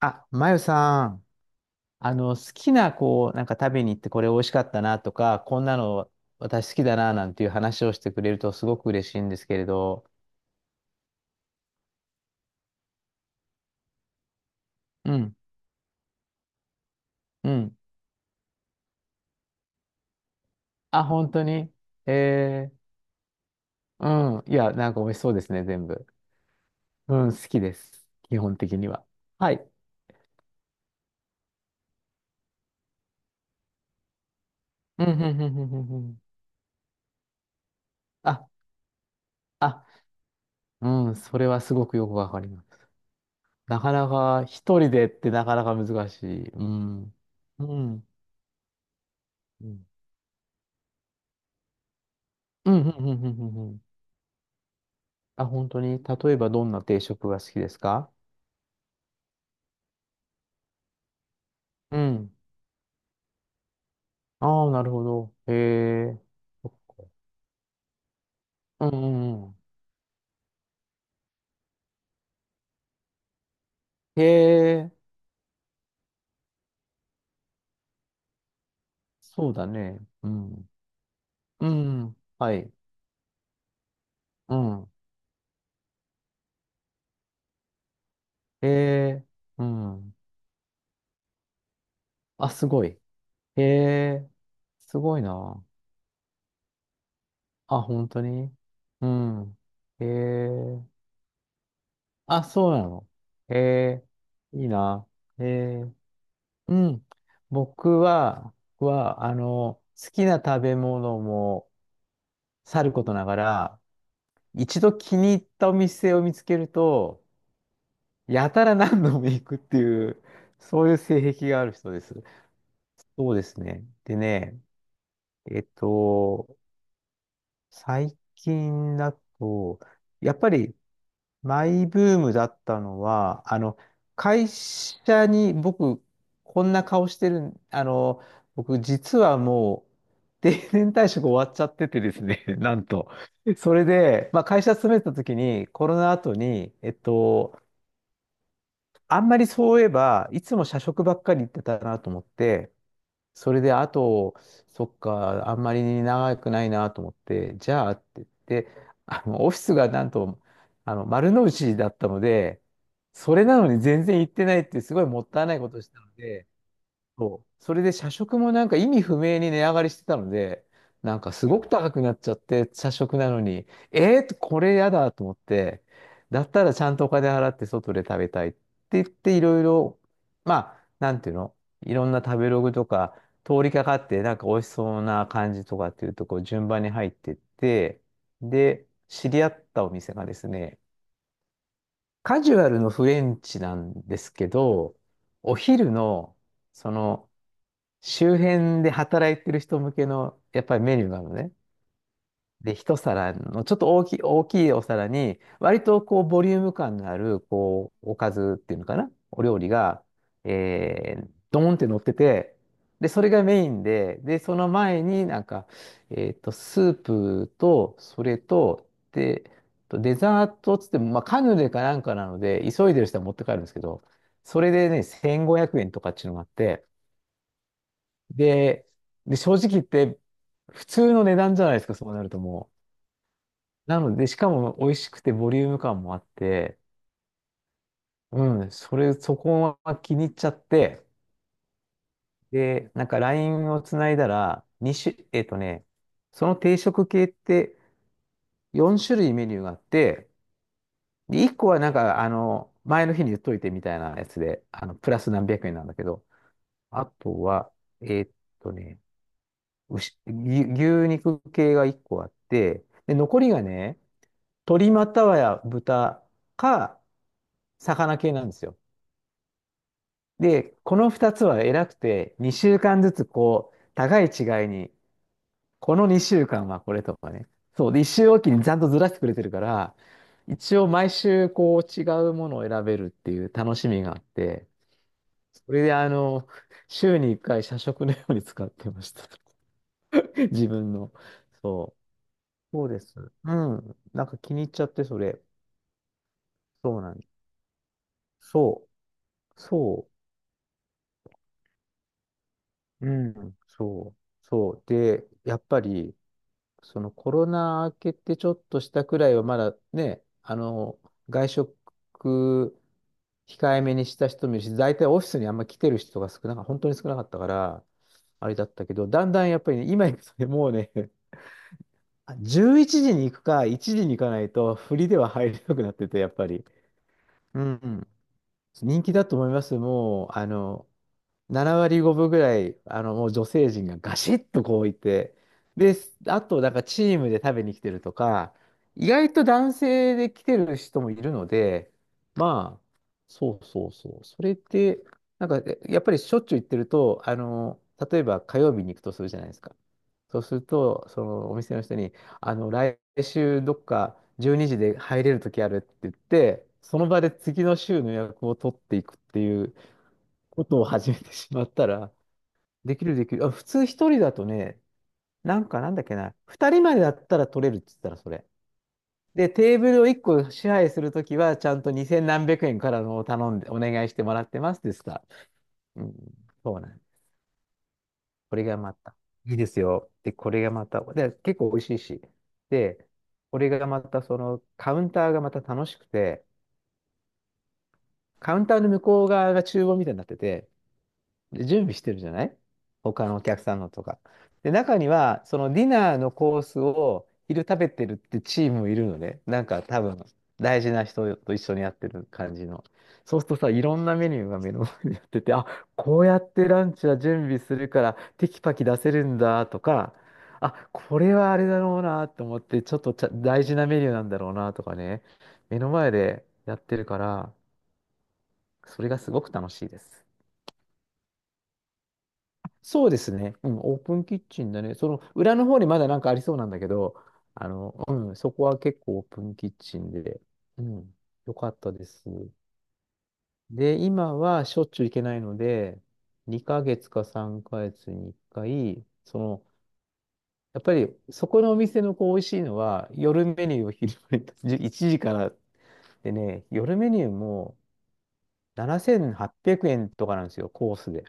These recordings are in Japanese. あ、まゆさん、好きな、こう、なんか食べに行ってこれ美味しかったなとか、こんなの私好きだななんていう話をしてくれるとすごく嬉しいんですけれど。うん、うん。あ、本当にえうん。いや、なんか美味しそうですね、全部。うん、好きです。基本的には。はい。うん、うん、うん、うん、うんうん。あ、あ、うん、それはすごくよくわかります。なかなか一人でってなかなか難しい。うん。うん。うん、うん、うん、うん、うん。うん。あ、本当に、例えばどんな定食が好きですか？うん。ああ、なるほど。へえ。うんうんうん。へえ。そうだね。うん。うん。はい。うん。へえ。うん。あ、すごい。へえ。すごいな。あ、本当に。うん。へえ。あ、そうなの。へえ。いいな。へえ。うん。僕は、好きな食べ物もさることながら、一度気に入ったお店を見つけると、やたら何度も行くっていう、そういう性癖がある人です。そうですね。でね、えっと、最近だと、やっぱりマイブームだったのは、会社に僕、こんな顔してるん、僕、実はもう、定年退職終わっちゃっててですね、なんと。それで、まあ、会社勤めてた時に、コロナ後に、あんまりそういえば、いつも社食ばっかり行ってたなと思って、それで、あと、そっか、あんまり長くないなと思って、じゃあって言って、オフィスがなんと、丸の内だったので、それなのに全然行ってないっていうすごいもったいないことをしたので、そう。それで社食もなんか意味不明に値上がりしてたので、なんかすごく高くなっちゃって、社食なのに、これやだと思って、だったらちゃんとお金払って外で食べたいって言って、いろいろ、まあ、なんていうの、いろんな食べログとか、通りかかって、なんか美味しそうな感じとかっていうと、こう順番に入ってって、で、知り合ったお店がですね、カジュアルのフレンチなんですけど、お昼の、その、周辺で働いてる人向けの、やっぱりメニューなのね。で、一皿の、ちょっと大きいお皿に、割とこう、ボリューム感のある、こう、おかずっていうのかなお料理が、ドーンって乗ってて、で、それがメインで、で、その前になんか、スープと、それと、で、とデザートっつっても、まあ、カヌレかなんかなので、急いでる人は持って帰るんですけど、それでね、1500円とかっていうのがあって、で、で、正直言って、普通の値段じゃないですか、そうなるともう。なので、しかも美味しくてボリューム感もあって、うん、それ、そこは気に入っちゃって、で、なんか LINE をつないだら、2種、えっとね、その定食系って4種類メニューがあって、で、1個はなんか、前の日に言っといてみたいなやつで、プラス何百円なんだけど、あとは、えっとね、牛、牛牛肉系が1個あって、で、残りがね、鶏またはや豚か魚系なんですよ。で、この2つは偉くて、2週間ずつこう、互い違いに、この2週間はこれとかね。そう。で、1週おきにちゃんとずらしてくれてるから、一応毎週こう違うものを選べるっていう楽しみがあって、それであの、週に1回社食のように使ってました。自分の。そう。そうです。うん。なんか気に入っちゃって、それ。そうなんです。そう。そう。うん。そう。そう。で、やっぱり、そのコロナ明けてちょっとしたくらいは、まだね、外食控えめにした人もいるし、大体オフィスにあんま来てる人が少なか、本当に少なかったから、あれだったけど、だんだんやっぱりね、今行くとね、もうね、あ11時に行くか、1時に行かないと、振りでは入れなくなってて、やっぱり。うん。人気だと思います。もう、7割5分ぐらい、もう女性陣がガシッとこういて、で、あと、なんかチームで食べに来てるとか、意外と男性で来てる人もいるので、まあ、そうそうそう。それって、なんか、やっぱりしょっちゅう行ってると、例えば火曜日に行くとするじゃないですか。そうすると、そのお店の人に、来週どっか12時で入れる時あるって言って、その場で次の週の予約を取っていくっていう、ことを始めてしまったら、できるできる。あ、普通一人だとね、なんかなんだっけな、二人までだったら取れるって言ったらそれ。で、テーブルを一個支配するときは、ちゃんと二千何百円からのを頼んで、お願いしてもらってますですか。うん、そうなんです。これがまた、いいですよ。で、これがまた、で、結構美味しいし。で、これがまた、その、カウンターがまた楽しくて、カウンターの向こう側が厨房みたいになってて、で、準備してるじゃない他のお客さんのとか。で、中には、そのディナーのコースを昼食べてるってチームもいるので、なんか多分、大事な人と一緒にやってる感じの。そうするとさ、いろんなメニューが目の前にやってて、あ、こうやってランチは準備するから、テキパキ出せるんだとか、あ、これはあれだろうなと思って、ちょっとちゃ大事なメニューなんだろうなとかね、目の前でやってるから、それがすごく楽しいです。そうですね。うん、オープンキッチンだね。その裏の方にまだなんかありそうなんだけど、うん、そこは結構オープンキッチンで、うん、よかったです。で、今はしょっちゅう行けないので、2ヶ月か3ヶ月に1回、その、やっぱりそこのお店のこう美味しいのは、夜メニューを昼間にじゅ1時からでね、夜メニューも7800円とかなんですよ、コースで。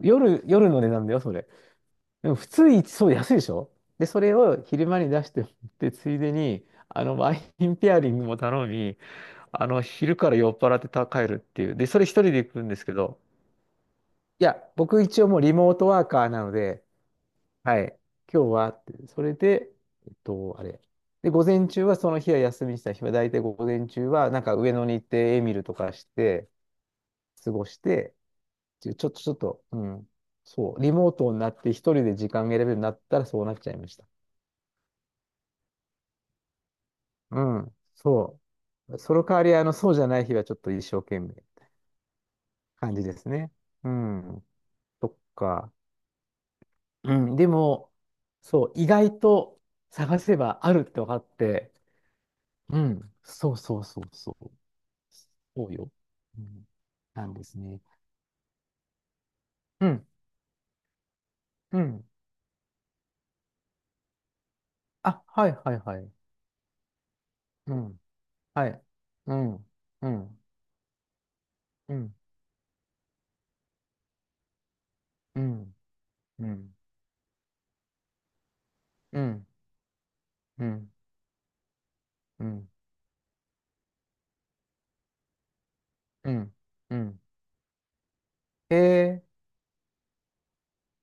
夜、夜の値段だよ、それ。でも普通に、そう安いでしょ。で、それを昼間に出してもらって、ついでに、ワインペアリングも頼み、昼から酔っ払ってた帰るっていう。で、それ一人で行くんですけど、いや、僕一応もうリモートワーカーなので、はい、今日はって、それで、あれ。で、午前中はその日は休みにした日は、大体午前中は、なんか上野に行ってエミルとかして、過ごして、ちょっと、うん、そう、リモートになって一人で時間が選べるようになったらそうなっちゃいました。うん、そう。その代わり、そうじゃない日はちょっと一生懸命感じですね。うん、そっか。うん、でも、そう、意外と探せばあるって分かって、うん、そうそうそうそう。そうよ。うん、なんですね。うん、うん。あ、はいはいはい。うん、はい。うん、うん、うん、うん、うん、うん、うん、うん、うん。うんえー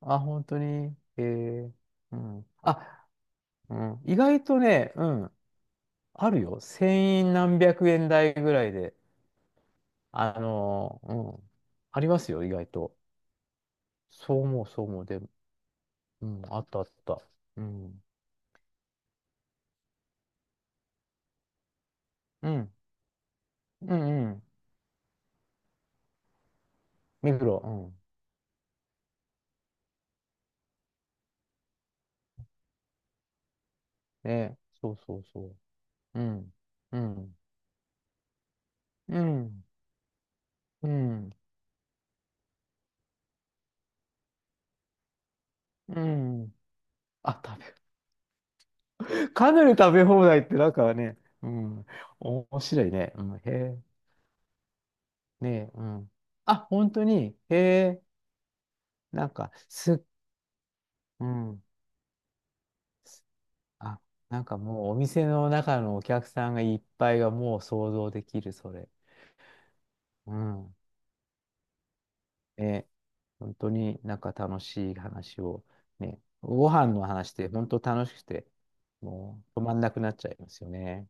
あ、本当に。うん。あ、うん。意外とね、うん。あるよ。千円何百円台ぐらいで。うん。ありますよ、意外と。そう思う、そう思う。で、うん。あったあった。うん。うん。うん、うん。ミクロ。うん。ね。そうそうそう。うん。うん。うん。うん。うん。あ、食べ、かなり食べ放題ってなんかね、うん。面白いね。うん、へえ。ねえ、うん。あ、本当にへえ、なんか、す、うん。あ、なんかもうお店の中のお客さんがいっぱいがもう想像できる、それ。うん。ね、本当になんか楽しい話を、ね、ご飯の話って本当楽しくて、もう止まんなくなっちゃいますよね。